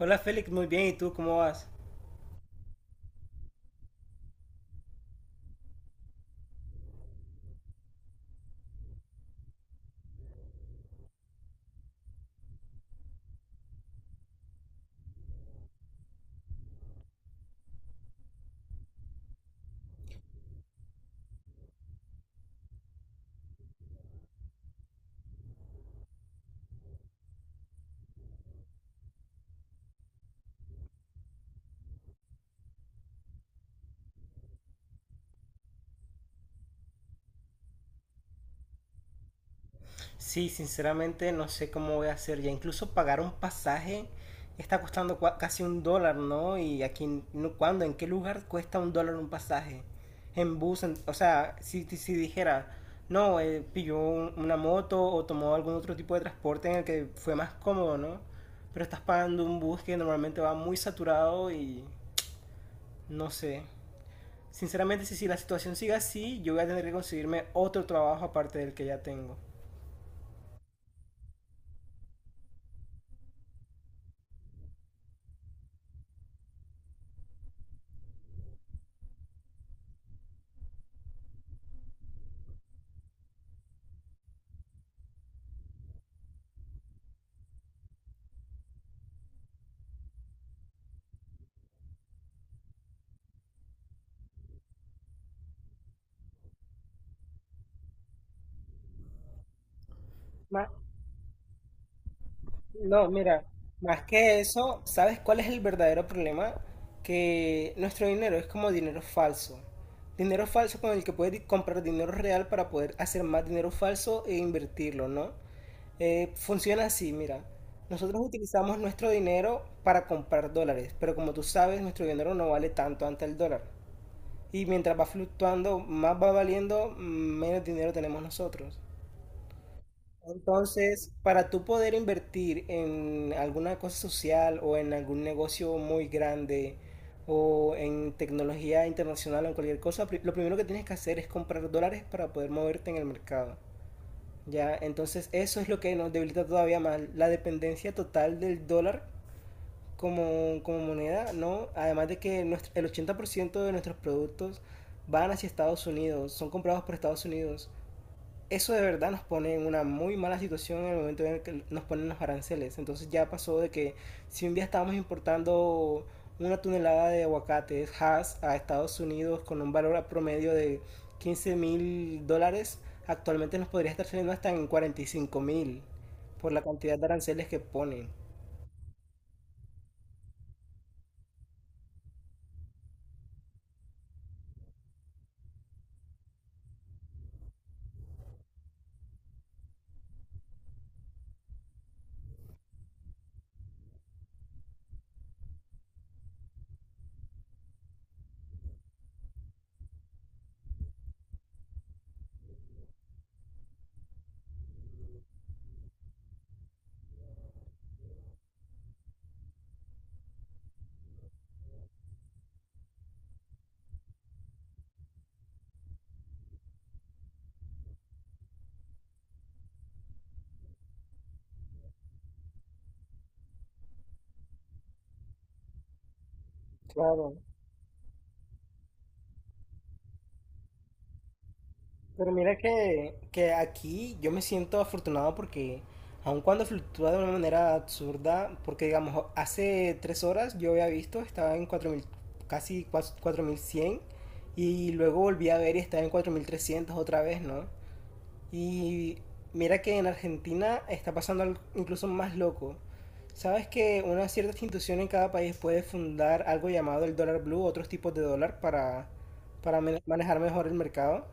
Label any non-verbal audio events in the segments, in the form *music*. Hola Félix, muy bien, ¿y tú cómo vas? Sí, sinceramente no sé cómo voy a hacer ya. Incluso pagar un pasaje está costando casi un dólar, ¿no? Y aquí, no, ¿cuándo? ¿En qué lugar cuesta un dólar un pasaje? En bus, o sea, si dijera, no, pilló una moto o tomó algún otro tipo de transporte en el que fue más cómodo, ¿no? Pero estás pagando un bus que normalmente va muy saturado y no sé. Sinceramente, si la situación sigue así, yo voy a tener que conseguirme otro trabajo aparte del que ya tengo. Ma- No, mira, más que eso, ¿sabes cuál es el verdadero problema? Que nuestro dinero es como dinero falso. Dinero falso con el que puedes comprar dinero real para poder hacer más dinero falso e invertirlo, ¿no? Funciona así, mira. Nosotros utilizamos nuestro dinero para comprar dólares, pero como tú sabes, nuestro dinero no vale tanto ante el dólar. Y mientras va fluctuando, más va valiendo, menos dinero tenemos nosotros. Entonces, para tú poder invertir en alguna cosa social o en algún negocio muy grande o en tecnología internacional o en cualquier cosa, lo primero que tienes que hacer es comprar dólares para poder moverte en el mercado. Ya, entonces eso es lo que nos debilita todavía más, la dependencia total del dólar como moneda, ¿no? Además de que nuestro- el 80% de nuestros productos van hacia Estados Unidos, son comprados por Estados Unidos. Eso de verdad nos pone en una muy mala situación en el momento en el que nos ponen los aranceles. Entonces ya pasó de que si un día estábamos importando una tonelada de aguacates Hass a Estados Unidos con un valor promedio de 15 mil dólares, actualmente nos podría estar saliendo hasta en 45 mil por la cantidad de aranceles que ponen. Claro. Pero mira que aquí yo me siento afortunado porque aun cuando fluctúa de una manera absurda, porque digamos, hace 3 horas yo había visto, estaba en 4.000 casi 4.100 y luego volví a ver y estaba en 4.300 otra vez, ¿no? Y mira que en Argentina está pasando algo incluso más loco. ¿Sabes que una cierta institución en cada país puede fundar algo llamado el dólar blue, otros tipos de dólar para manejar mejor el mercado?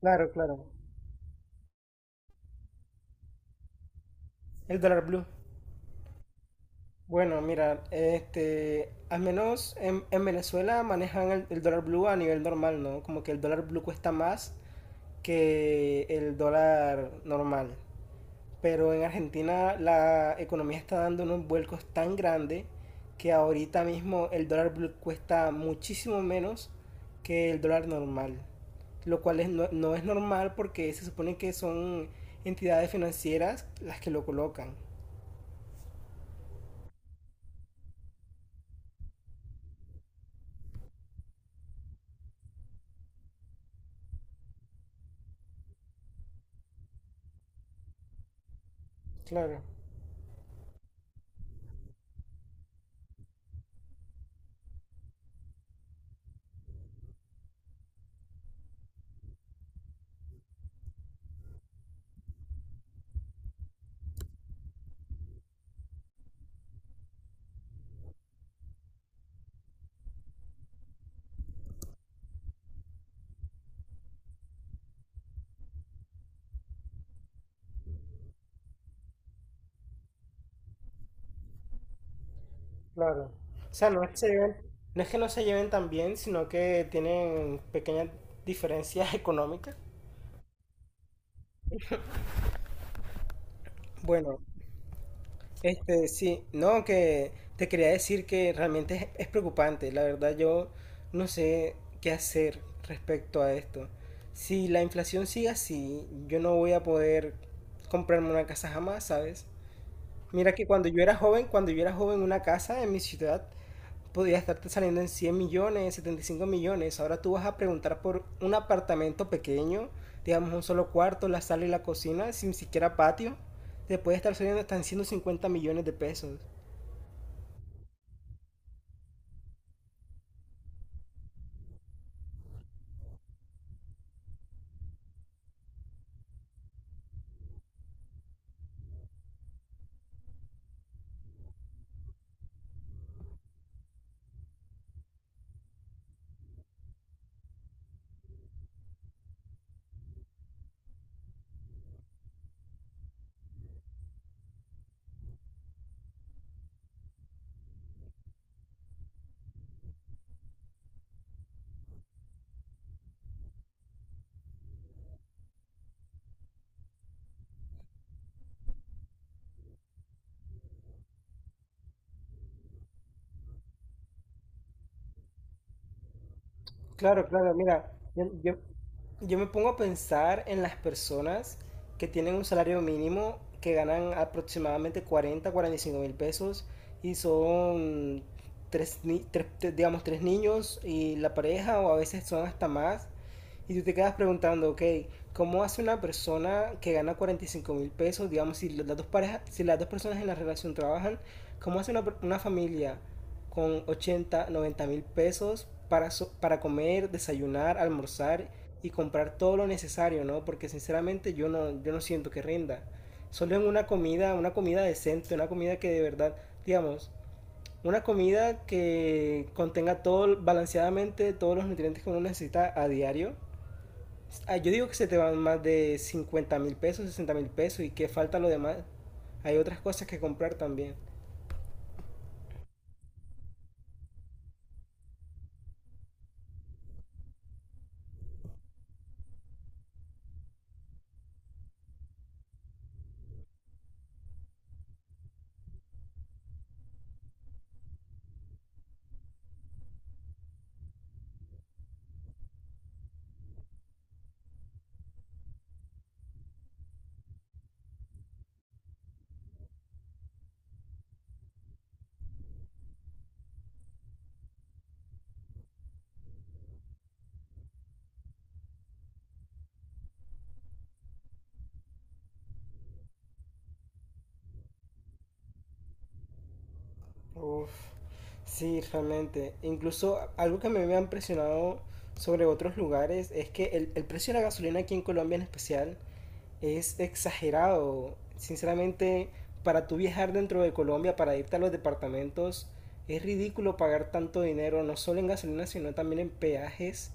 Claro, claro. El dólar blue. Bueno, mira, al menos en Venezuela manejan el dólar blue a nivel normal, ¿no? Como que el dólar blue cuesta más que el dólar normal. Pero en Argentina la economía está dando unos vuelcos tan grandes que ahorita mismo el dólar blue cuesta muchísimo menos que el dólar normal. Lo cual es, no, no es normal porque se supone que son entidades financieras las que lo colocan. Claro. Claro. O sea, no es que se lleven, no es que no se lleven tan bien, sino que tienen pequeñas diferencias *laughs* económicas. Bueno, sí, no, que te quería decir que realmente es preocupante. La verdad, yo no sé qué hacer respecto a esto. Si la inflación sigue así, yo no voy a poder comprarme una casa jamás, ¿sabes? Mira que cuando yo era joven, cuando yo era joven, una casa en mi ciudad podría estarte saliendo en 100 millones, 75 millones. Ahora tú vas a preguntar por un apartamento pequeño, digamos un solo cuarto, la sala y la cocina, sin siquiera patio. Te puede estar saliendo hasta en 150 millones de pesos. Claro, claro, mira, yo me pongo a pensar en las personas que tienen un salario mínimo que ganan aproximadamente 40, 45 mil pesos y son tres, ni- tres- te- digamos, tres niños y la pareja o a veces son hasta más. Y tú te quedas preguntando, ok, ¿cómo hace una persona que gana 45.000 pesos, digamos, si las dos parejas, si las dos personas en la relación trabajan, cómo hace una familia con 80, 90.000 pesos para, para comer, desayunar, almorzar y comprar todo lo necesario, ¿no? Porque sinceramente yo no siento que rinda. Solo en una comida decente, una comida que de verdad, digamos, una comida que contenga todo balanceadamente todos los nutrientes que uno necesita a diario. Ah, yo digo que se te van más de 50.000 pesos, 60.000 pesos y que falta lo demás. Hay otras cosas que comprar también. Uf, sí, realmente. Incluso algo que a mí me ha impresionado sobre otros lugares es que el precio de la gasolina aquí en Colombia en especial es exagerado. Sinceramente, para tú viajar dentro de Colombia, para irte a los departamentos, es ridículo pagar tanto dinero, no solo en gasolina, sino también en peajes.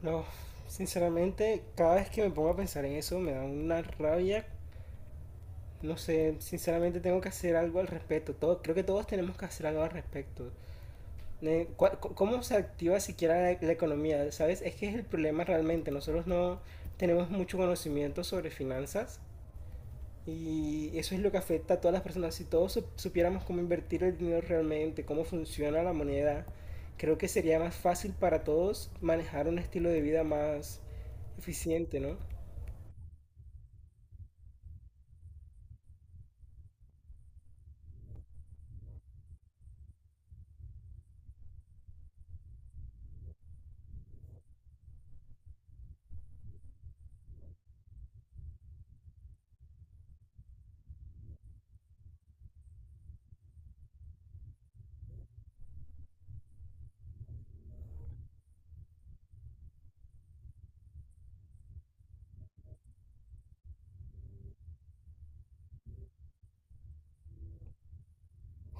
No, sinceramente, cada vez que me pongo a pensar en eso me da una rabia. No sé, sinceramente tengo que hacer algo al respecto. Todo, creo que todos tenemos que hacer algo al respecto. ¿Cómo se activa siquiera la economía? ¿Sabes? Es que es el problema realmente. Nosotros no tenemos mucho conocimiento sobre finanzas y eso es lo que afecta a todas las personas. Si todos supiéramos cómo invertir el dinero realmente, cómo funciona la moneda, creo que sería más fácil para todos manejar un estilo de vida más eficiente, ¿no?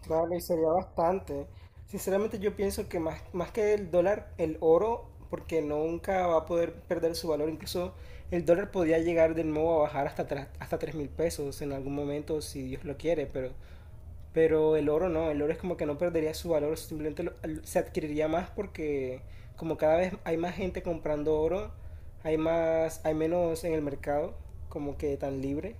Claro y sería bastante. Sinceramente yo pienso que más, más que el dólar, el oro, porque nunca va a poder perder su valor. Incluso el dólar podría llegar de nuevo a bajar hasta 3.000 pesos en algún momento, si Dios lo quiere, pero. Pero el oro no, el oro es como que no perdería su valor, simplemente se adquiriría más porque como cada vez hay más gente comprando oro, hay más, hay menos en el mercado, como que tan libre.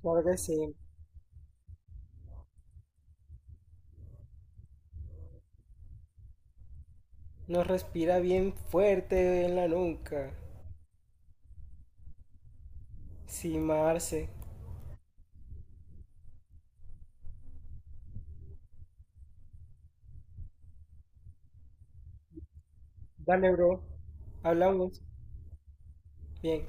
Claro que sí. Nos respira bien fuerte en la nuca. Sí, Marce. Dale, bro. Hablamos. Bien.